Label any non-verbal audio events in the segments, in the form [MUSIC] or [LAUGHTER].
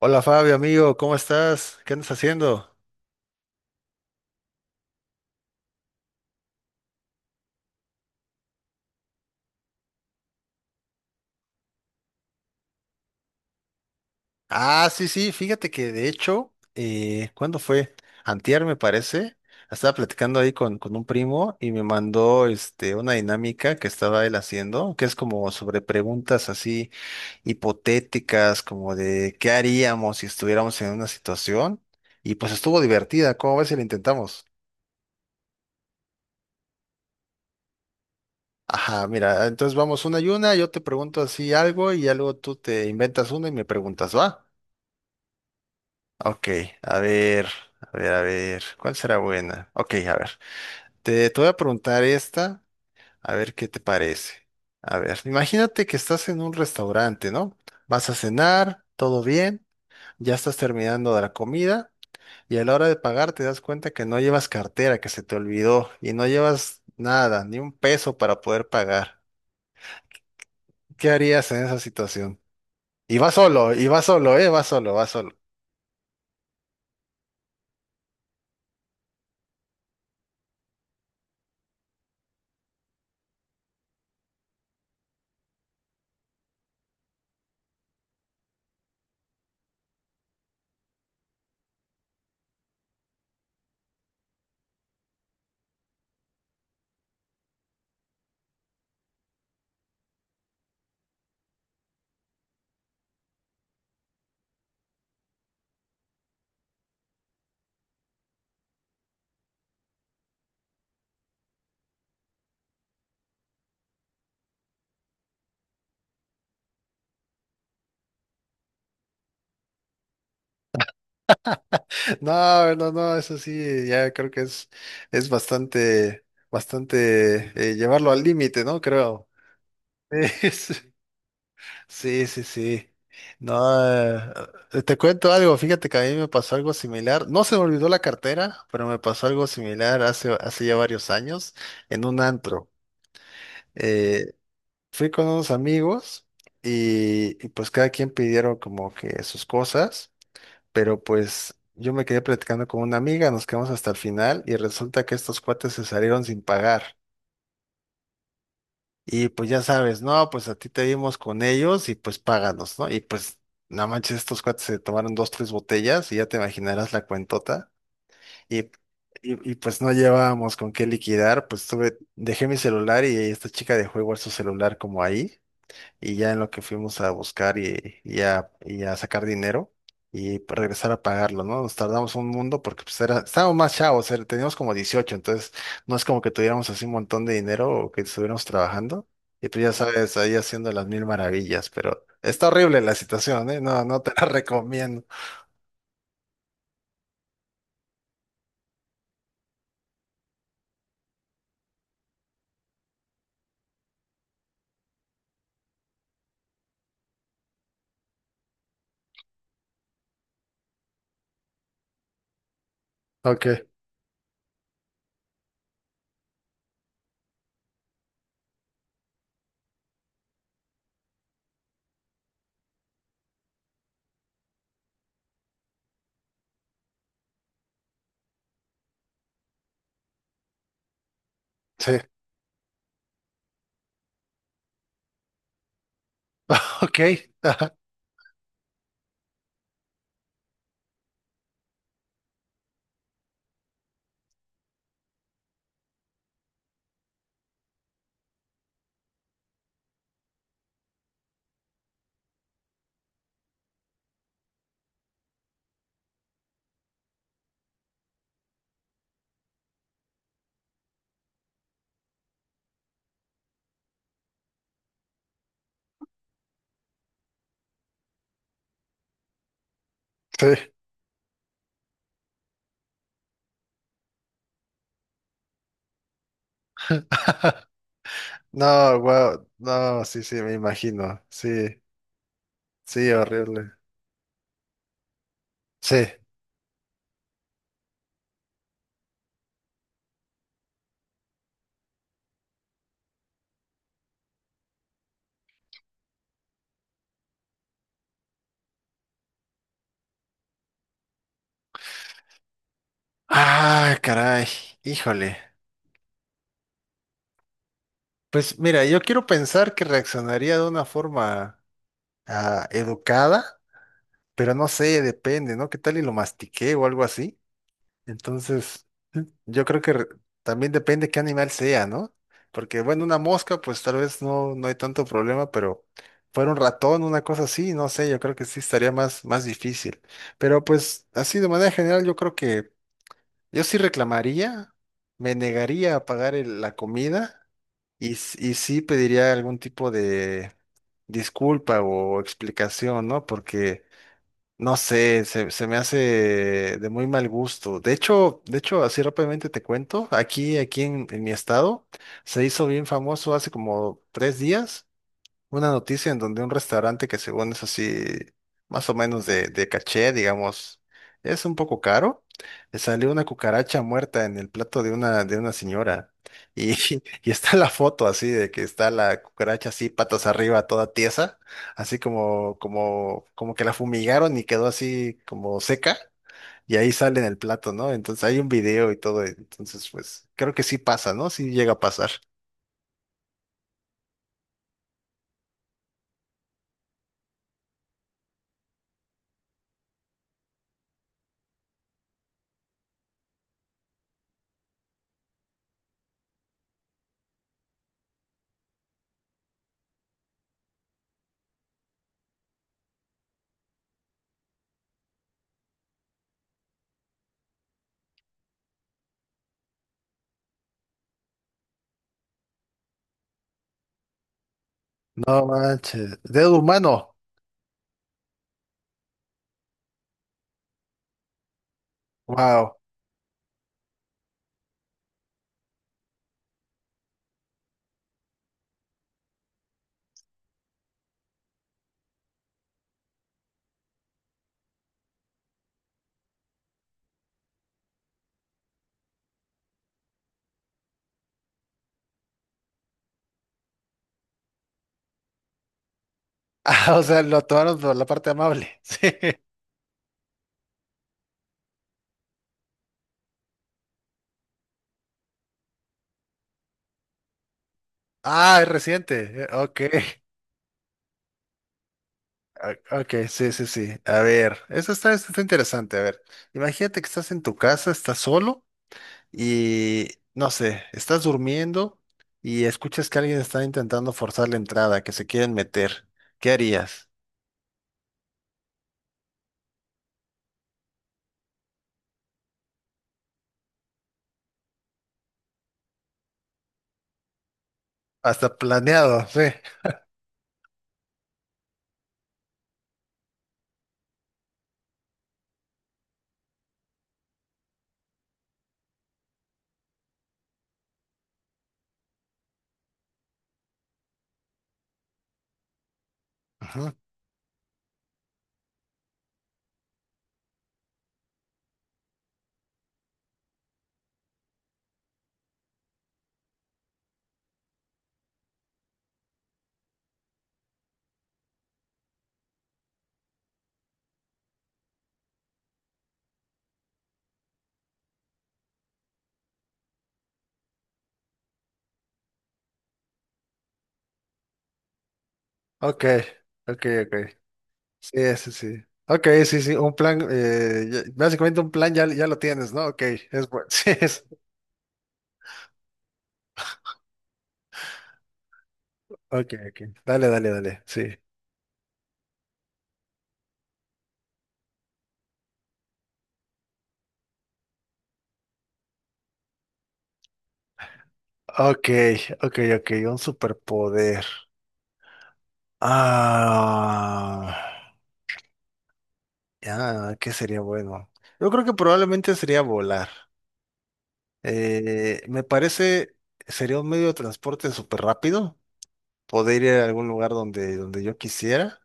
Hola Fabio, amigo, ¿cómo estás? ¿Qué andas haciendo? Ah, sí, sí, fíjate que de hecho, ¿cuándo fue? Antier me parece. Estaba platicando ahí con un primo y me mandó una dinámica que estaba él haciendo, que es como sobre preguntas así hipotéticas, como de qué haríamos si estuviéramos en una situación. Y pues estuvo divertida, ¿cómo ves si la intentamos? Ajá, mira, entonces vamos una y una, yo te pregunto así algo y ya luego tú te inventas una y me preguntas, ¿va? Ok, a ver, ¿cuál será buena? Ok, a ver, te voy a preguntar esta, a ver qué te parece. A ver, imagínate que estás en un restaurante, ¿no? Vas a cenar, todo bien, ya estás terminando de la comida y a la hora de pagar te das cuenta que no llevas cartera, que se te olvidó y no llevas nada, ni un peso para poder pagar. ¿Qué harías en esa situación? Y vas solo, ¿eh? Vas solo, vas solo. No, no, no, eso sí, ya creo que es bastante, bastante llevarlo al límite, ¿no? Creo. [LAUGHS] Es- sí, sí, sí. No, te cuento algo, fíjate que a mí me pasó algo similar. No se me olvidó la cartera, pero me pasó algo similar hace ya varios años en un antro. Eh, fui con unos amigos y pues cada quien pidieron como que sus cosas, pero pues yo me quedé platicando con una amiga, nos quedamos hasta el final y resulta que estos cuates se salieron sin pagar. Y pues ya sabes, no, pues a ti te vimos con ellos y pues páganos, ¿no? Y pues no manches, estos cuates se tomaron dos, tres botellas y ya te imaginarás la cuentota. Y, pues no llevábamos con qué liquidar, dejé mi celular y esta chica dejó igual su celular como ahí y ya en lo que fuimos a buscar y a sacar dinero y regresar a pagarlo, ¿no? Nos tardamos un mundo porque estábamos más chavos, teníamos como 18, entonces no es como que tuviéramos así un montón de dinero o que estuviéramos trabajando y pues ya sabes, ahí haciendo las mil maravillas, pero está horrible la situación, ¿eh? No, no te la [LAUGHS] recomiendo. Ok, sí, [LAUGHS] ok, ajá, sí. No, wow, no, sí, sí, me imagino, sí, sí, horrible, sí. Ah, caray, híjole. Pues mira, yo quiero pensar que reaccionaría de una forma educada, pero no sé, depende, ¿no? ¿Qué tal y lo mastiqué o algo así? Entonces, yo creo que también depende qué animal sea, ¿no? Porque bueno, una mosca, pues tal vez no hay tanto problema, pero fuera un ratón, una cosa así, no sé, yo creo que sí estaría más, más difícil. Pero pues así de manera general, yo creo que yo sí reclamaría, me negaría a pagar la comida y sí pediría algún tipo de disculpa o explicación, ¿no? Porque, no sé, se me hace de muy mal gusto. De hecho, así rápidamente te cuento, aquí en mi estado, se hizo bien famoso hace como tres días una noticia en donde un restaurante que según es así, más o menos de caché, digamos, es un poco caro, le salió una cucaracha muerta en el plato de una señora. Y, [LAUGHS] y está la foto así de que está la cucaracha así, patas arriba, toda tiesa, así como que la fumigaron y quedó así como seca, y ahí sale en el plato, ¿no? Entonces hay un video y todo, entonces pues creo que sí pasa, ¿no? Sí llega a pasar. No manches, dedo humano. Wow. [LAUGHS] Ah, o sea, lo tomaron por la parte amable. [LAUGHS] Sí. Ah, es reciente. Ok. Ok, sí, sí, sí. A ver, eso está interesante. A ver, imagínate que estás en tu casa, estás solo y, no sé, estás durmiendo y escuchas que alguien está intentando forzar la entrada, que se quieren meter. ¿Qué harías? Hasta planeado, sí. Ajá. Ok, ok, ok. Sí, sí, sí. Ok, sí, sí, un plan, básicamente un plan ya, ya lo tienes, ¿no? Ok, es bueno. [LAUGHS] Sí, Ok, ok. Dale, dale, dale. Sí. Ok, ok, ok. Un superpoder. Ah. Ya, ¿qué sería bueno? Yo creo que probablemente sería volar. Eh, me parece, sería un medio de transporte súper rápido. Poder ir a algún lugar donde yo quisiera.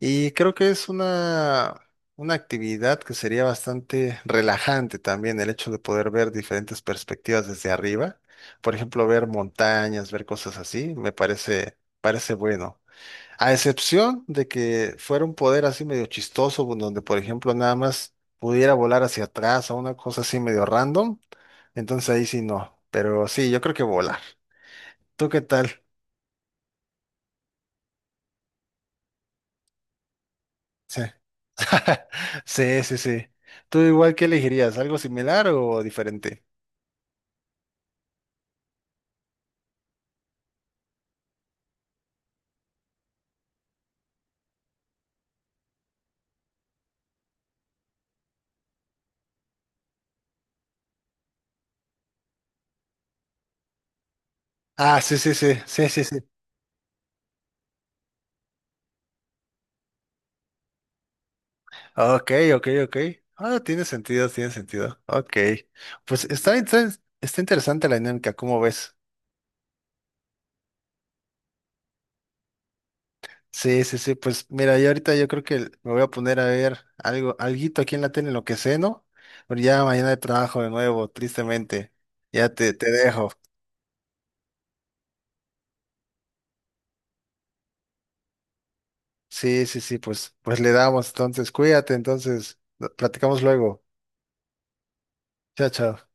Y creo que es una actividad que sería bastante relajante también el hecho de poder ver diferentes perspectivas desde arriba. Por ejemplo, ver montañas, ver cosas así, parece bueno. A excepción de que fuera un poder así medio chistoso, donde por ejemplo nada más pudiera volar hacia atrás o una cosa así medio random, entonces ahí sí no. Pero sí, yo creo que volar. ¿Tú qué tal? Sí. [LAUGHS] Sí, sí, sí. ¿Tú igual qué elegirías? ¿Algo similar o diferente? Ah, sí, sí, sí, sí, sí, sí. Ok, ok, ok. Ah, tiene sentido, tiene sentido. Ok. Pues está, está interesante la dinámica, ¿cómo ves? Sí, sí, sí. Pues mira, yo creo que me voy a poner a ver algo, alguito aquí en la tele, en lo que sé, ¿no? Pero ya mañana de trabajo de nuevo, tristemente. Ya te dejo. Sí, sí, sí, pues le damos entonces, cuídate, entonces, platicamos luego. Chao, chao.